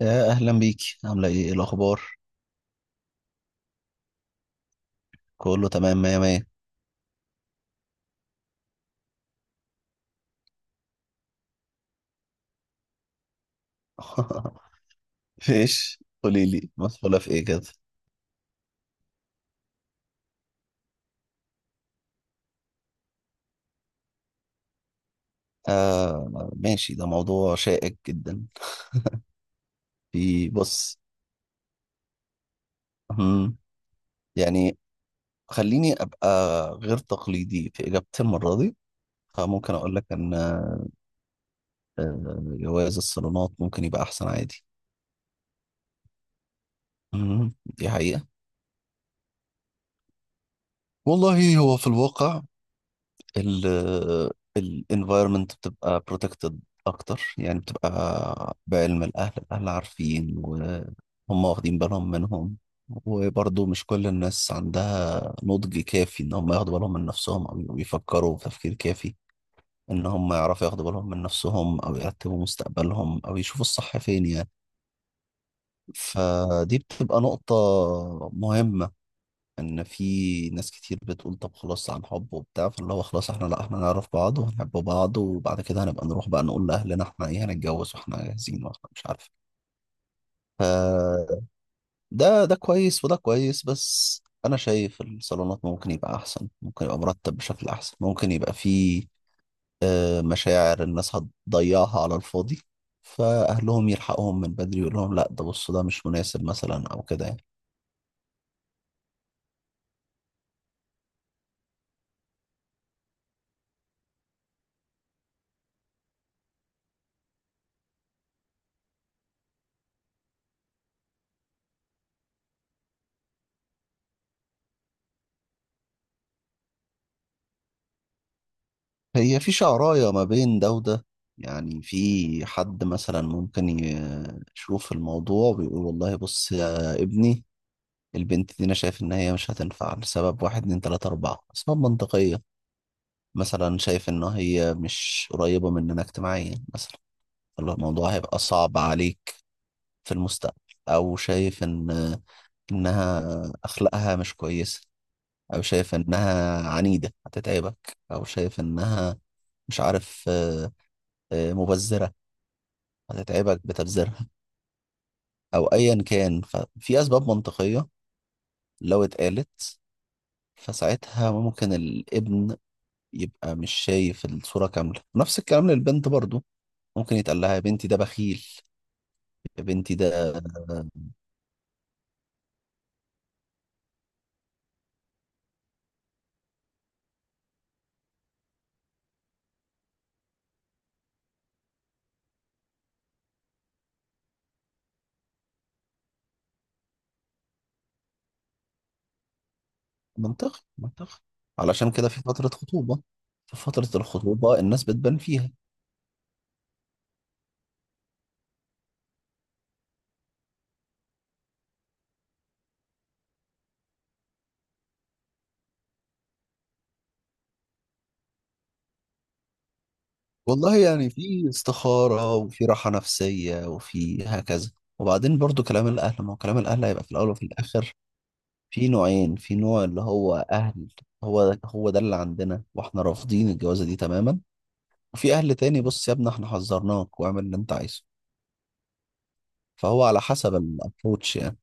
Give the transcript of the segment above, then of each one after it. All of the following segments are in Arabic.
يا اهلا بيك. عامله ايه؟ إيه الاخبار؟ كله تمام، مية مية. فيش، قولي لي، مسؤوله في ايه كده؟ آه ماشي، ده موضوع شائك جدا. في بص، مم، يعني خليني ابقى غير تقليدي في اجابتي المره دي. فممكن اقول لك ان جواز الصالونات ممكن يبقى احسن عادي. دي حقيقه. والله هو في الواقع ال ال environment بتبقى protected أكتر، يعني بتبقى بعلم الأهل، الأهل عارفين وهم واخدين بالهم منهم. وبرضه مش كل الناس عندها نضج كافي إن هم ياخدوا بالهم من نفسهم أو يفكروا بتفكير كافي، إن هم يعرفوا ياخدوا بالهم من نفسهم أو يرتبوا مستقبلهم أو يشوفوا الصح فين يعني. فدي بتبقى نقطة مهمة. ان في ناس كتير بتقول طب خلاص عن حب وبتاع، فاللي هو خلاص احنا لا احنا نعرف بعض ونحب بعض وبعد كده هنبقى نروح بقى نقول لاهلنا احنا ايه، هنتجوز واحنا جاهزين واحنا مش عارف. ف- ده كويس وده كويس، بس انا شايف الصالونات ممكن يبقى احسن، ممكن يبقى مرتب بشكل احسن، ممكن يبقى فيه مشاعر الناس هتضيعها على الفاضي. فاهلهم يلحقهم من بدري يقول لهم لا ده، بصوا ده مش مناسب مثلا او كده يعني. هي في شعراية ما بين ده وده. يعني في حد مثلا ممكن يشوف الموضوع ويقول والله بص يا ابني، البنت دي انا شايف ان هي مش هتنفع لسبب، واحد اتنين تلاتة اربعة اسباب منطقية. مثلا شايف ان هي مش قريبة مننا اجتماعيا مثلا، فالموضوع هيبقى صعب عليك في المستقبل. او شايف ان انها اخلاقها مش كويسة، او شايف انها عنيدة هتتعبك، او شايف انها مش عارف مبذرة هتتعبك بتبذيرها، او ايا كان. ففي اسباب منطقيه لو اتقالت فساعتها ممكن الابن يبقى مش شايف الصوره كامله. نفس الكلام للبنت برضو، ممكن يتقال لها يا بنتي ده بخيل، يا بنتي ده منطقي منطقي. علشان كده في فتره خطوبه، في فتره الخطوبه الناس بتبان فيها. والله يعني في استخاره وفي راحه نفسيه وفي هكذا. وبعدين برضو كلام الاهل، ما هو كلام الاهل هيبقى في الاول وفي الاخر في نوعين. في نوع اللي هو اهل هو ده هو ده اللي عندنا واحنا رافضين الجوازه دي تماما. وفي اهل تاني بص يا ابني احنا حذرناك واعمل اللي انت عايزه. فهو على حسب الابروتش يعني.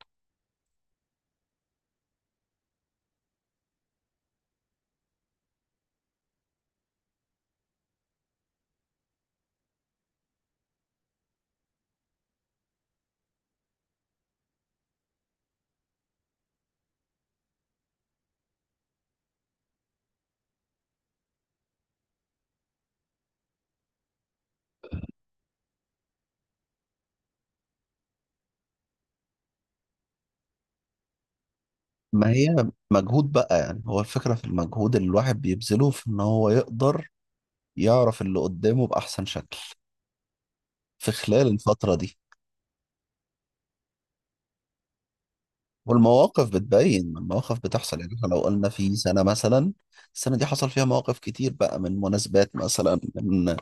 ما هي مجهود بقى يعني، هو الفكره في المجهود اللي الواحد بيبذله في ان هو يقدر يعرف اللي قدامه باحسن شكل في خلال الفتره دي. والمواقف بتبين، المواقف بتحصل يعني. احنا لو قلنا في سنه مثلا، السنه دي حصل فيها مواقف كتير بقى، من مناسبات مثلا، من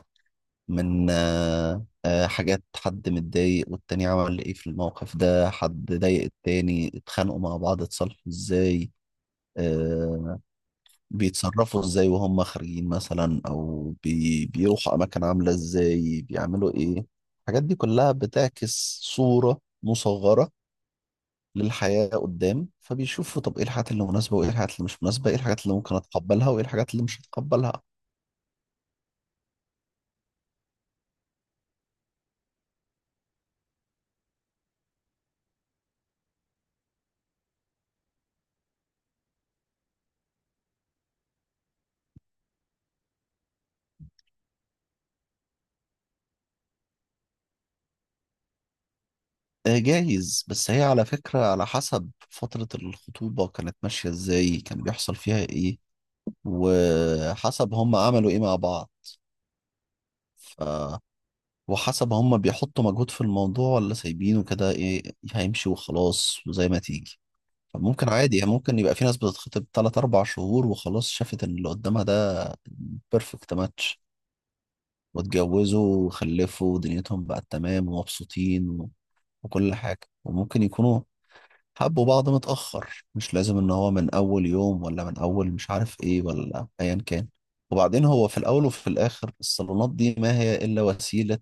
من آه، آه، حاجات، حد متضايق والتاني عمل ايه في الموقف ده، حد ضايق التاني، اتخانقوا مع بعض اتصالحوا ازاي، آه، بيتصرفوا ازاي وهم خارجين مثلا، او بيروحوا اماكن عاملة ازاي، بيعملوا ايه. الحاجات دي كلها بتعكس صورة مصغرة للحياة قدام. فبيشوفوا طب ايه الحاجات اللي مناسبة وايه الحاجات اللي مش مناسبة، ايه الحاجات اللي ممكن اتقبلها وايه الحاجات اللي مش هتقبلها. جايز، بس هي على فكرة على حسب فترة الخطوبة كانت ماشية ازاي، كان بيحصل فيها ايه، وحسب هم عملوا ايه مع بعض. ف... وحسب هم بيحطوا مجهود في الموضوع ولا سايبينه كده، ايه هيمشي وخلاص وزي ما تيجي. فممكن عادي يعني، ممكن يبقى في ناس بتتخطب 3 4 شهور وخلاص، شافت إن اللي قدامها ده بيرفكت ماتش، واتجوزوا وخلفوا ودنيتهم بقت تمام ومبسوطين وكل حاجة. وممكن يكونوا حبوا بعض متأخر، مش لازم ان هو من اول يوم، ولا من اول مش عارف ايه، ولا ايا كان. وبعدين هو في الاول وفي الاخر الصالونات دي ما هي الا وسيلة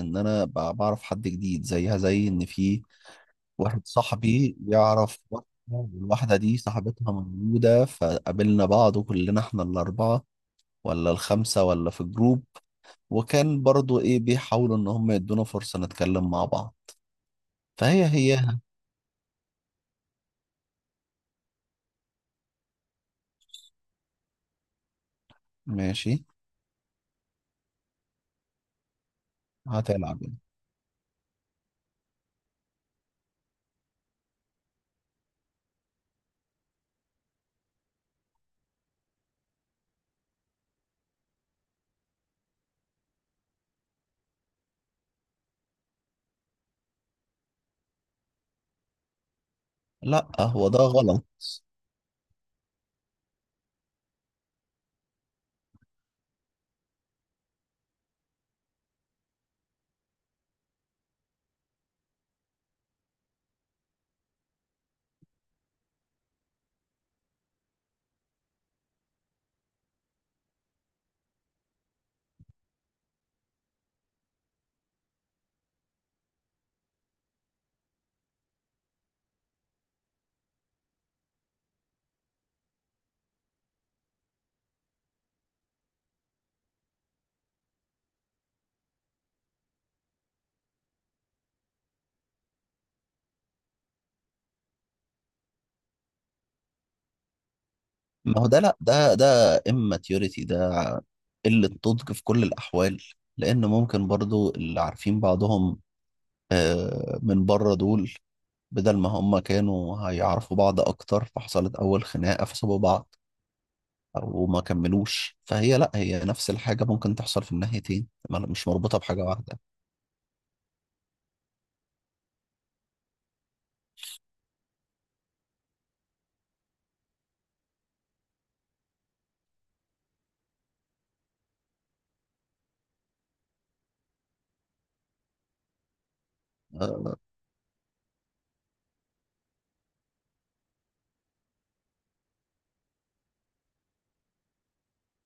ان انا بعرف حد جديد. زيها زي ان في واحد صاحبي يعرف واحدة، والواحدة دي صاحبتها موجودة، فقابلنا بعض وكلنا احنا الاربعة ولا الخمسة، ولا في جروب. وكان برضو ايه بيحاولوا ان هم يدونا فرصة نتكلم مع بعض. فهي هي. ماشي. هتلعب. لا هو ده غلط. ما هو ده لا، ده immaturity، ده قلة نضج في كل الأحوال. لأن ممكن برضو اللي عارفين بعضهم من بره دول، بدل ما هم كانوا هيعرفوا بعض أكتر، فحصلت أول خناقة فسابوا بعض أو ما كملوش. فهي لا، هي نفس الحاجة ممكن تحصل في الناحيتين، مش مربوطة بحاجة واحدة. آه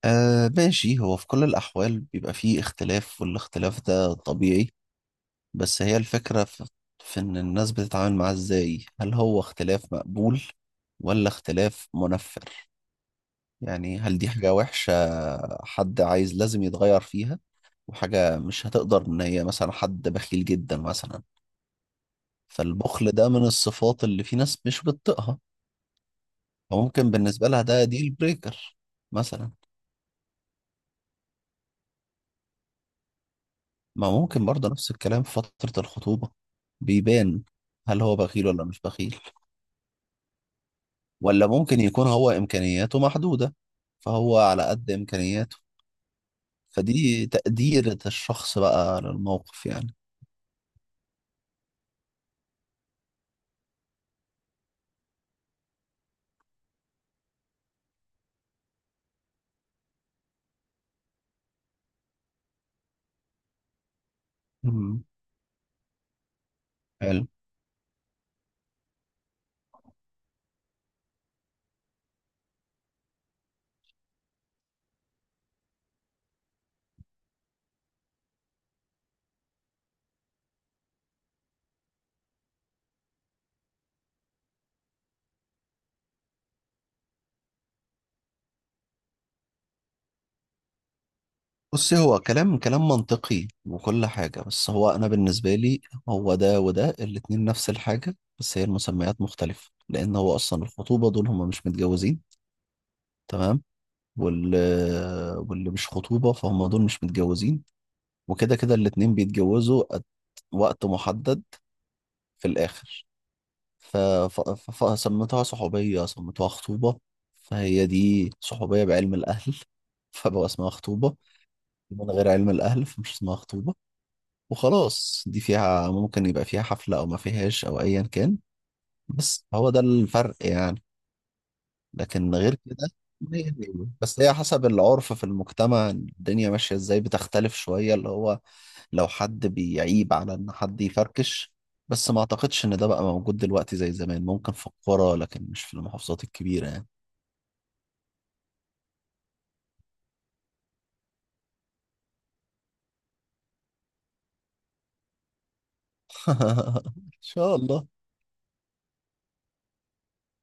ماشي. هو في كل الأحوال بيبقى فيه اختلاف، والاختلاف ده طبيعي. بس هي الفكرة في إن الناس بتتعامل معاه إزاي، هل هو اختلاف مقبول ولا اختلاف منفر. يعني هل دي حاجة وحشة حد عايز لازم يتغير فيها، وحاجة مش هتقدر. إن هي مثلا حد بخيل جدا مثلا، فالبخل ده من الصفات اللي في ناس مش بتطيقها، فممكن بالنسبة لها ده ديل بريكر مثلا. ما ممكن برضه نفس الكلام في فترة الخطوبة بيبان هل هو بخيل ولا مش بخيل، ولا ممكن يكون هو إمكانياته محدودة، فهو على قد إمكانياته. فدي تقدير الشخص بقى للموقف يعني. مم. حلو. بصي هو كلام كلام منطقي وكل حاجة، بس هو أنا بالنسبة لي هو ده وده الاتنين نفس الحاجة، بس هي المسميات مختلفة. لأن هو أصلا الخطوبة دول هما مش متجوزين، تمام، وال واللي مش خطوبة فهم دول مش متجوزين. وكده كده الاتنين بيتجوزوا at وقت محدد في الآخر. فسميتها صحوبية سميتها خطوبة. فهي دي صحوبية بعلم الأهل فبقى اسمها خطوبة، من غير علم الأهل فمش اسمها خطوبة وخلاص. دي فيها ممكن يبقى فيها حفلة أو ما فيهاش أو أيا كان. بس هو ده الفرق يعني، لكن غير كده هي هي. بس هي حسب العرف في المجتمع الدنيا ماشية إزاي بتختلف شوية، اللي هو لو حد بيعيب على ان حد يفركش. بس ما اعتقدش ان ده بقى موجود دلوقتي زي زمان، ممكن في القرى لكن مش في المحافظات الكبيرة يعني. ان شاء الله.